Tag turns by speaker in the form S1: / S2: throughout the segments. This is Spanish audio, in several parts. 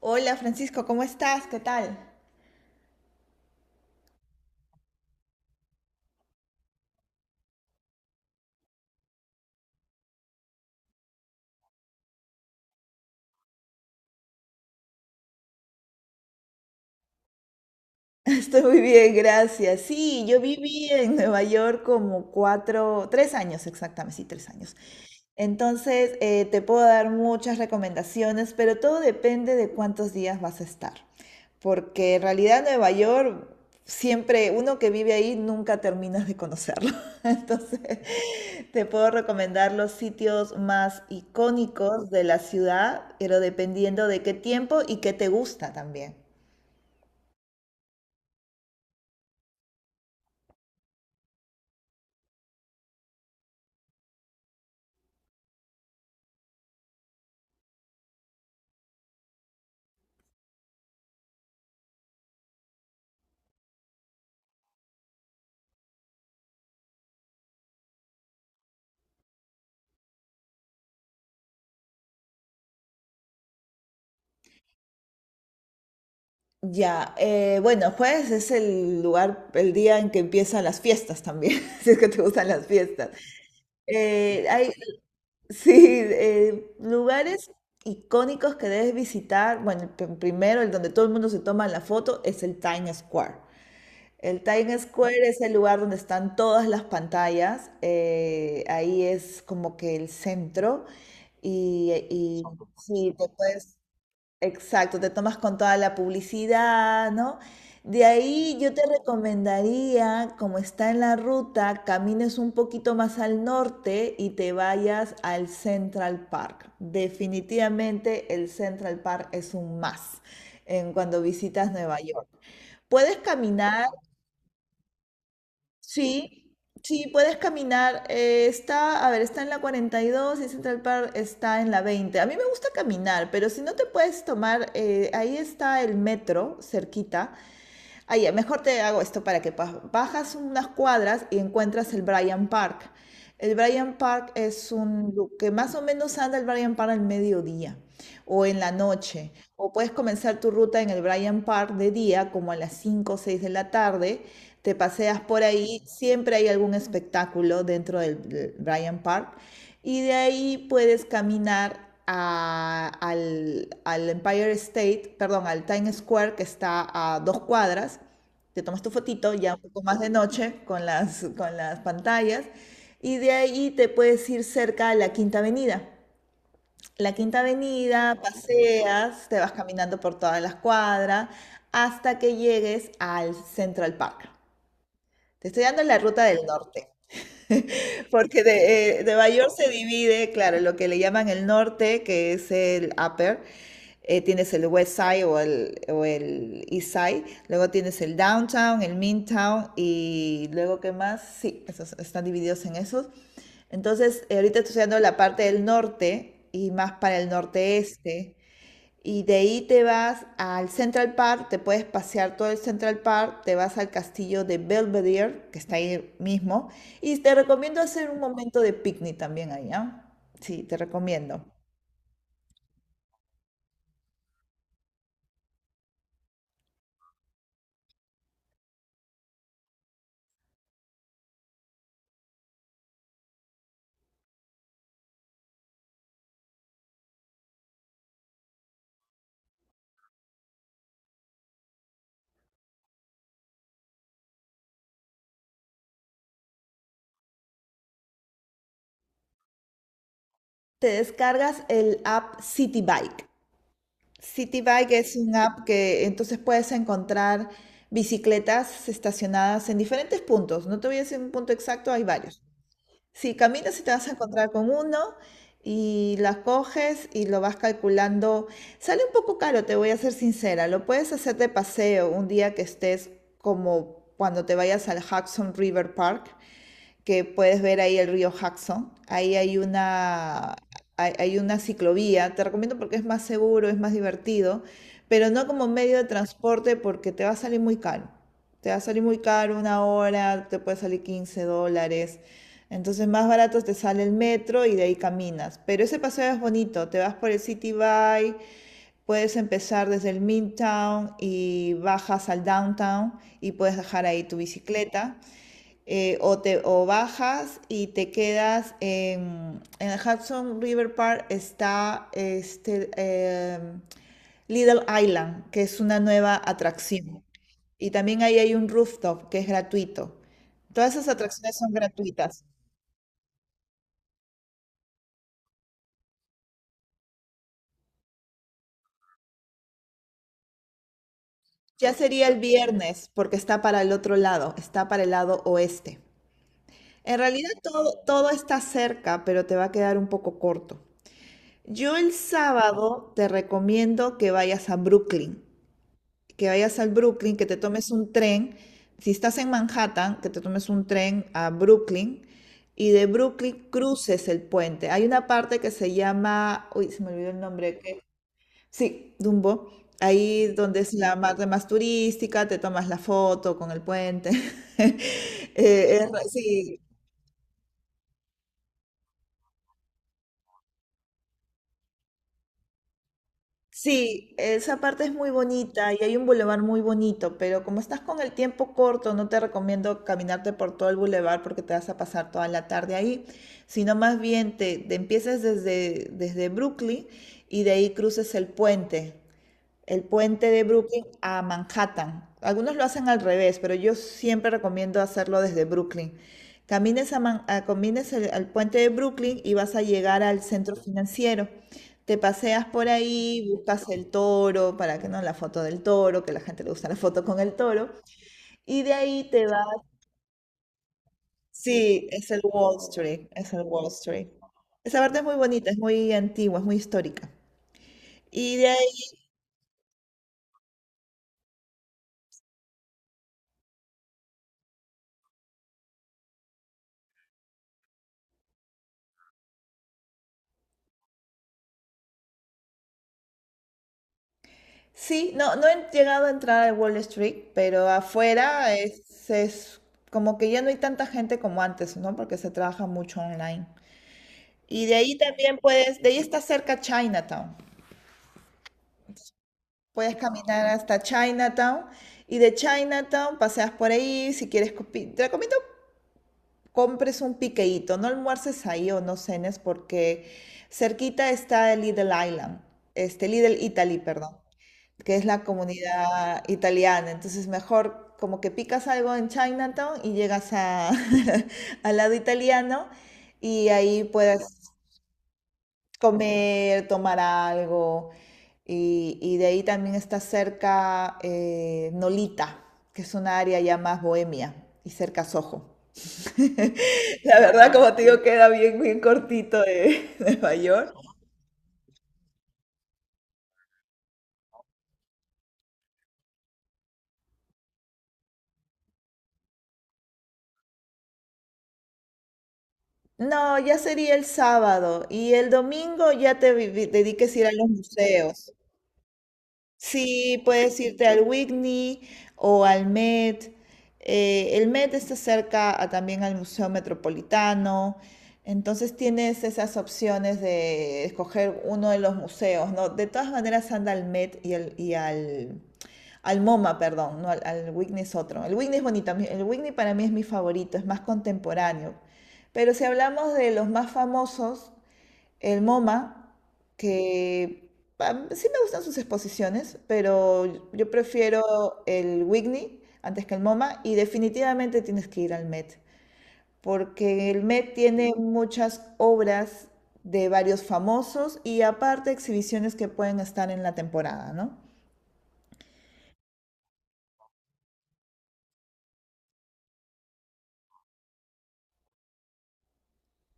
S1: Hola Francisco, ¿cómo estás? ¿Qué tal? Estoy muy bien, gracias. Sí, yo viví en Nueva York como 4, 3 años exactamente, sí, 3 años. Entonces, te puedo dar muchas recomendaciones, pero todo depende de cuántos días vas a estar. Porque en realidad Nueva York, siempre, uno que vive ahí nunca terminas de conocerlo. Entonces, te puedo recomendar los sitios más icónicos de la ciudad, pero dependiendo de qué tiempo y qué te gusta también. Ya, bueno, jueves es el lugar, el día en que empiezan las fiestas también, si es que te gustan las fiestas. Eh, hay, Sí, lugares icónicos que debes visitar. Bueno, el primero, el donde todo el mundo se toma la foto, es el Times Square. El Times Square es el lugar donde están todas las pantallas. Ahí es como que el centro y sí. te puedes Exacto, te tomas con toda la publicidad, ¿no? De ahí yo te recomendaría, como está en la ruta, camines un poquito más al norte y te vayas al Central Park. Definitivamente el Central Park es un más en cuando visitas Nueva York. Puedes caminar. Sí, sí, puedes caminar. Está, a ver, está en la 42 y Central Park está en la 20. A mí me gusta caminar, pero si no te puedes tomar, ahí está el metro cerquita. Ahí, mejor te hago esto para que bajas unas cuadras y encuentras el Bryant Park. El Bryant Park es que más o menos anda el Bryant Park al mediodía o en la noche. O puedes comenzar tu ruta en el Bryant Park de día, como a las 5 o 6 de la tarde, te paseas por ahí, siempre hay algún espectáculo dentro del Bryant Park y de ahí puedes caminar al Empire State, perdón, al Times Square que está a 2 cuadras. Te tomas tu fotito ya un poco más de noche con las pantallas y de ahí te puedes ir cerca a la Quinta Avenida. La Quinta Avenida, paseas, te vas caminando por todas las cuadras hasta que llegues al Central Park. Te estoy dando la ruta del norte, porque Nueva York se divide, claro, lo que le llaman el norte, que es el upper, tienes el west side o el east side, luego tienes el downtown, el midtown y luego qué más, sí, esos están divididos en esos. Entonces, ahorita estoy estudiando la parte del norte y más para el norte-este. Y de ahí te vas al Central Park, te puedes pasear todo el Central Park, te vas al castillo de Belvedere, que está ahí mismo, y te recomiendo hacer un momento de picnic también ahí, ¿ah? Sí, te recomiendo. Te descargas el app City Bike. City Bike es un app que entonces puedes encontrar bicicletas estacionadas en diferentes puntos. No te voy a decir un punto exacto, hay varios. Sí, caminas y te vas a encontrar con uno y la coges y lo vas calculando. Sale un poco caro, te voy a ser sincera. Lo puedes hacer de paseo un día que estés como cuando te vayas al Hudson River Park que puedes ver ahí el río Jackson. Ahí hay una, hay una ciclovía, te recomiendo porque es más seguro, es más divertido, pero no como medio de transporte porque te va a salir muy caro. Te va a salir muy caro una hora, te puede salir $15. Entonces más barato te sale el metro y de ahí caminas. Pero ese paseo es bonito, te vas por el City Bike, puedes empezar desde el Midtown y bajas al Downtown y puedes dejar ahí tu bicicleta. O bajas y te quedas en el Hudson River Park. Está este, Little Island, que es una nueva atracción. Y también ahí hay un rooftop que es gratuito. Todas esas atracciones son gratuitas. Ya sería el viernes porque está para el otro lado, está para el lado oeste. En realidad todo está cerca, pero te va a quedar un poco corto. Yo el sábado te recomiendo que vayas a Brooklyn, que vayas al Brooklyn, que te tomes un tren, si estás en Manhattan, que te tomes un tren a Brooklyn y de Brooklyn cruces el puente. Hay una parte que se llama, uy, se me olvidó el nombre, que, sí, Dumbo, ahí donde es la parte más turística, te tomas la foto con el puente. Sí, Sí, esa parte es muy bonita y hay un bulevar muy bonito, pero como estás con el tiempo corto, no te recomiendo caminarte por todo el bulevar porque te vas a pasar toda la tarde ahí, sino más bien te empiezas desde Brooklyn y de ahí cruces el puente de Brooklyn a Manhattan. Algunos lo hacen al revés, pero yo siempre recomiendo hacerlo desde Brooklyn. Camines, a Man- a- camines el- al puente de Brooklyn y vas a llegar al centro financiero. Te paseas por ahí, buscas el toro, para que no la foto del toro, que a la gente le gusta la foto con el toro, y de ahí te vas. Sí, es el Wall Street, es el Wall Street. Esa parte es muy bonita, es muy antigua, es muy histórica. Y de ahí. Sí, no, no he llegado a entrar a Wall Street, pero afuera es como que ya no hay tanta gente como antes, ¿no? Porque se trabaja mucho online. Y de ahí también puedes. De ahí está cerca Chinatown. Puedes caminar hasta Chinatown y de Chinatown paseas por ahí. Si quieres, te recomiendo compres un piqueíto, no almuerces ahí o no cenes porque cerquita está el Little Island, este Little Italy, perdón, que es la comunidad italiana. Entonces, mejor como que picas algo en Chinatown y llegas a, al lado italiano y ahí puedes comer, tomar algo. Y de ahí también está cerca Nolita, que es una área ya más bohemia y cerca Soho. La verdad, ah, como te digo, sí, queda bien, bien cortito de de Nueva York. No, ya sería el sábado y el domingo ya te dediques a ir a los museos. Sí, puedes irte al Whitney o al Met. El Met está cerca a- también al Museo Metropolitano. Entonces tienes esas opciones de escoger uno de los museos, ¿no? De todas maneras anda al Met al MoMA, perdón, no, al Whitney es otro. El Whitney es bonito, el Whitney para mí es mi favorito, es más contemporáneo. Pero si hablamos de los más famosos, el MoMA, que sí me gustan sus exposiciones, pero yo prefiero el Whitney antes que el MoMA y definitivamente tienes que ir al Met, porque el Met tiene muchas obras de varios famosos y aparte exhibiciones que pueden estar en la temporada, ¿no?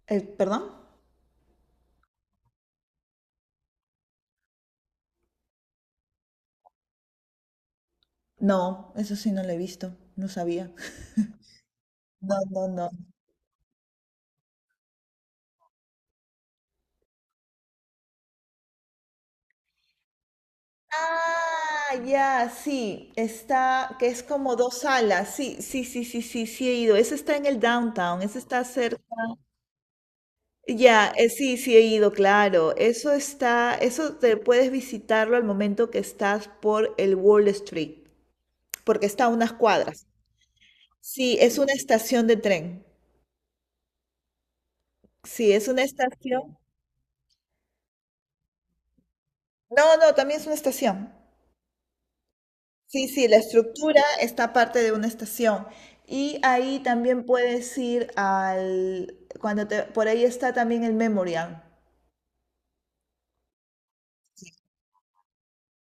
S1: El, ¿perdón? No, eso sí no lo he visto, no sabía. No, no, no. Ah, ya, sí, está, que es como dos salas, sí, sí, sí, sí, sí, sí he ido, ese está en el downtown, ese está cerca, ya, sí, sí he ido, claro, eso está, eso te puedes visitarlo al momento que estás por el Wall Street, porque está a unas cuadras, sí, es una estación de tren, sí, es una estación, no, no, también es una estación, sí, sí, la estructura está parte de una estación. Y ahí también puedes ir al. Cuando por ahí está también el Memorial.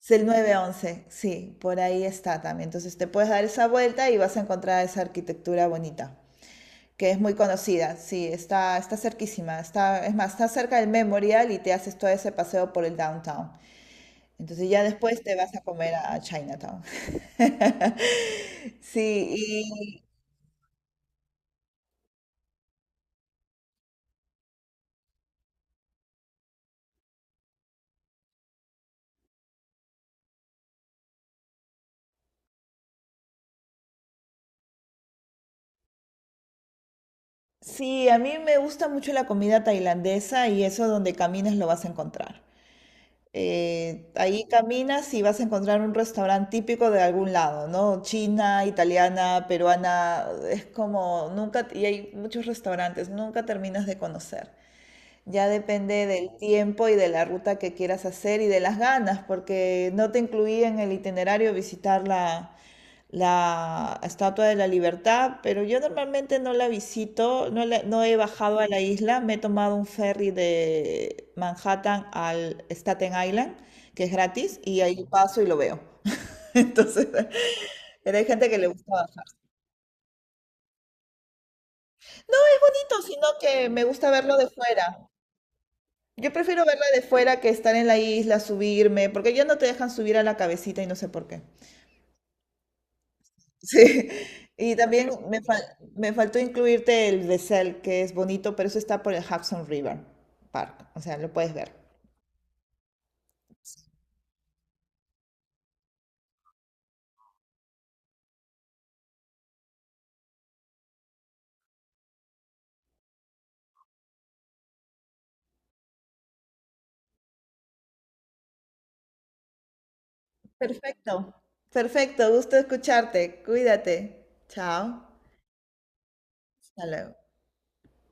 S1: Es el 9/11. Sí, por ahí está también. Entonces te puedes dar esa vuelta y vas a encontrar esa arquitectura bonita, que es muy conocida. Sí, está cerquísima. Está, es más, está cerca del Memorial y te haces todo ese paseo por el downtown. Entonces ya después te vas a comer a Chinatown. Sí, sí, a mí me gusta mucho la comida tailandesa y eso donde camines lo vas a encontrar. Ahí caminas y vas a encontrar un restaurante típico de algún lado, ¿no? China, italiana, peruana, es como nunca, y hay muchos restaurantes, nunca terminas de conocer. Ya depende del tiempo y de la ruta que quieras hacer y de las ganas, porque no te incluía en el itinerario visitar la Estatua de la Libertad, pero yo normalmente no la visito, no, no he bajado a la isla, me he tomado un ferry de Manhattan al Staten Island, que es gratis, y ahí paso y lo veo. Entonces, pero hay gente que le gusta bajar. No es bonito, sino que me gusta verlo de fuera. Yo prefiero verla de fuera que estar en la isla, subirme, porque ya no te dejan subir a la cabecita y no sé por qué. Sí. Y también me faltó incluirte el Bessel, que es bonito, pero eso está por el Hudson River Park. O sea, lo puedes ver. Perfecto. Perfecto, gusto escucharte. Cuídate. Chao. Hasta luego.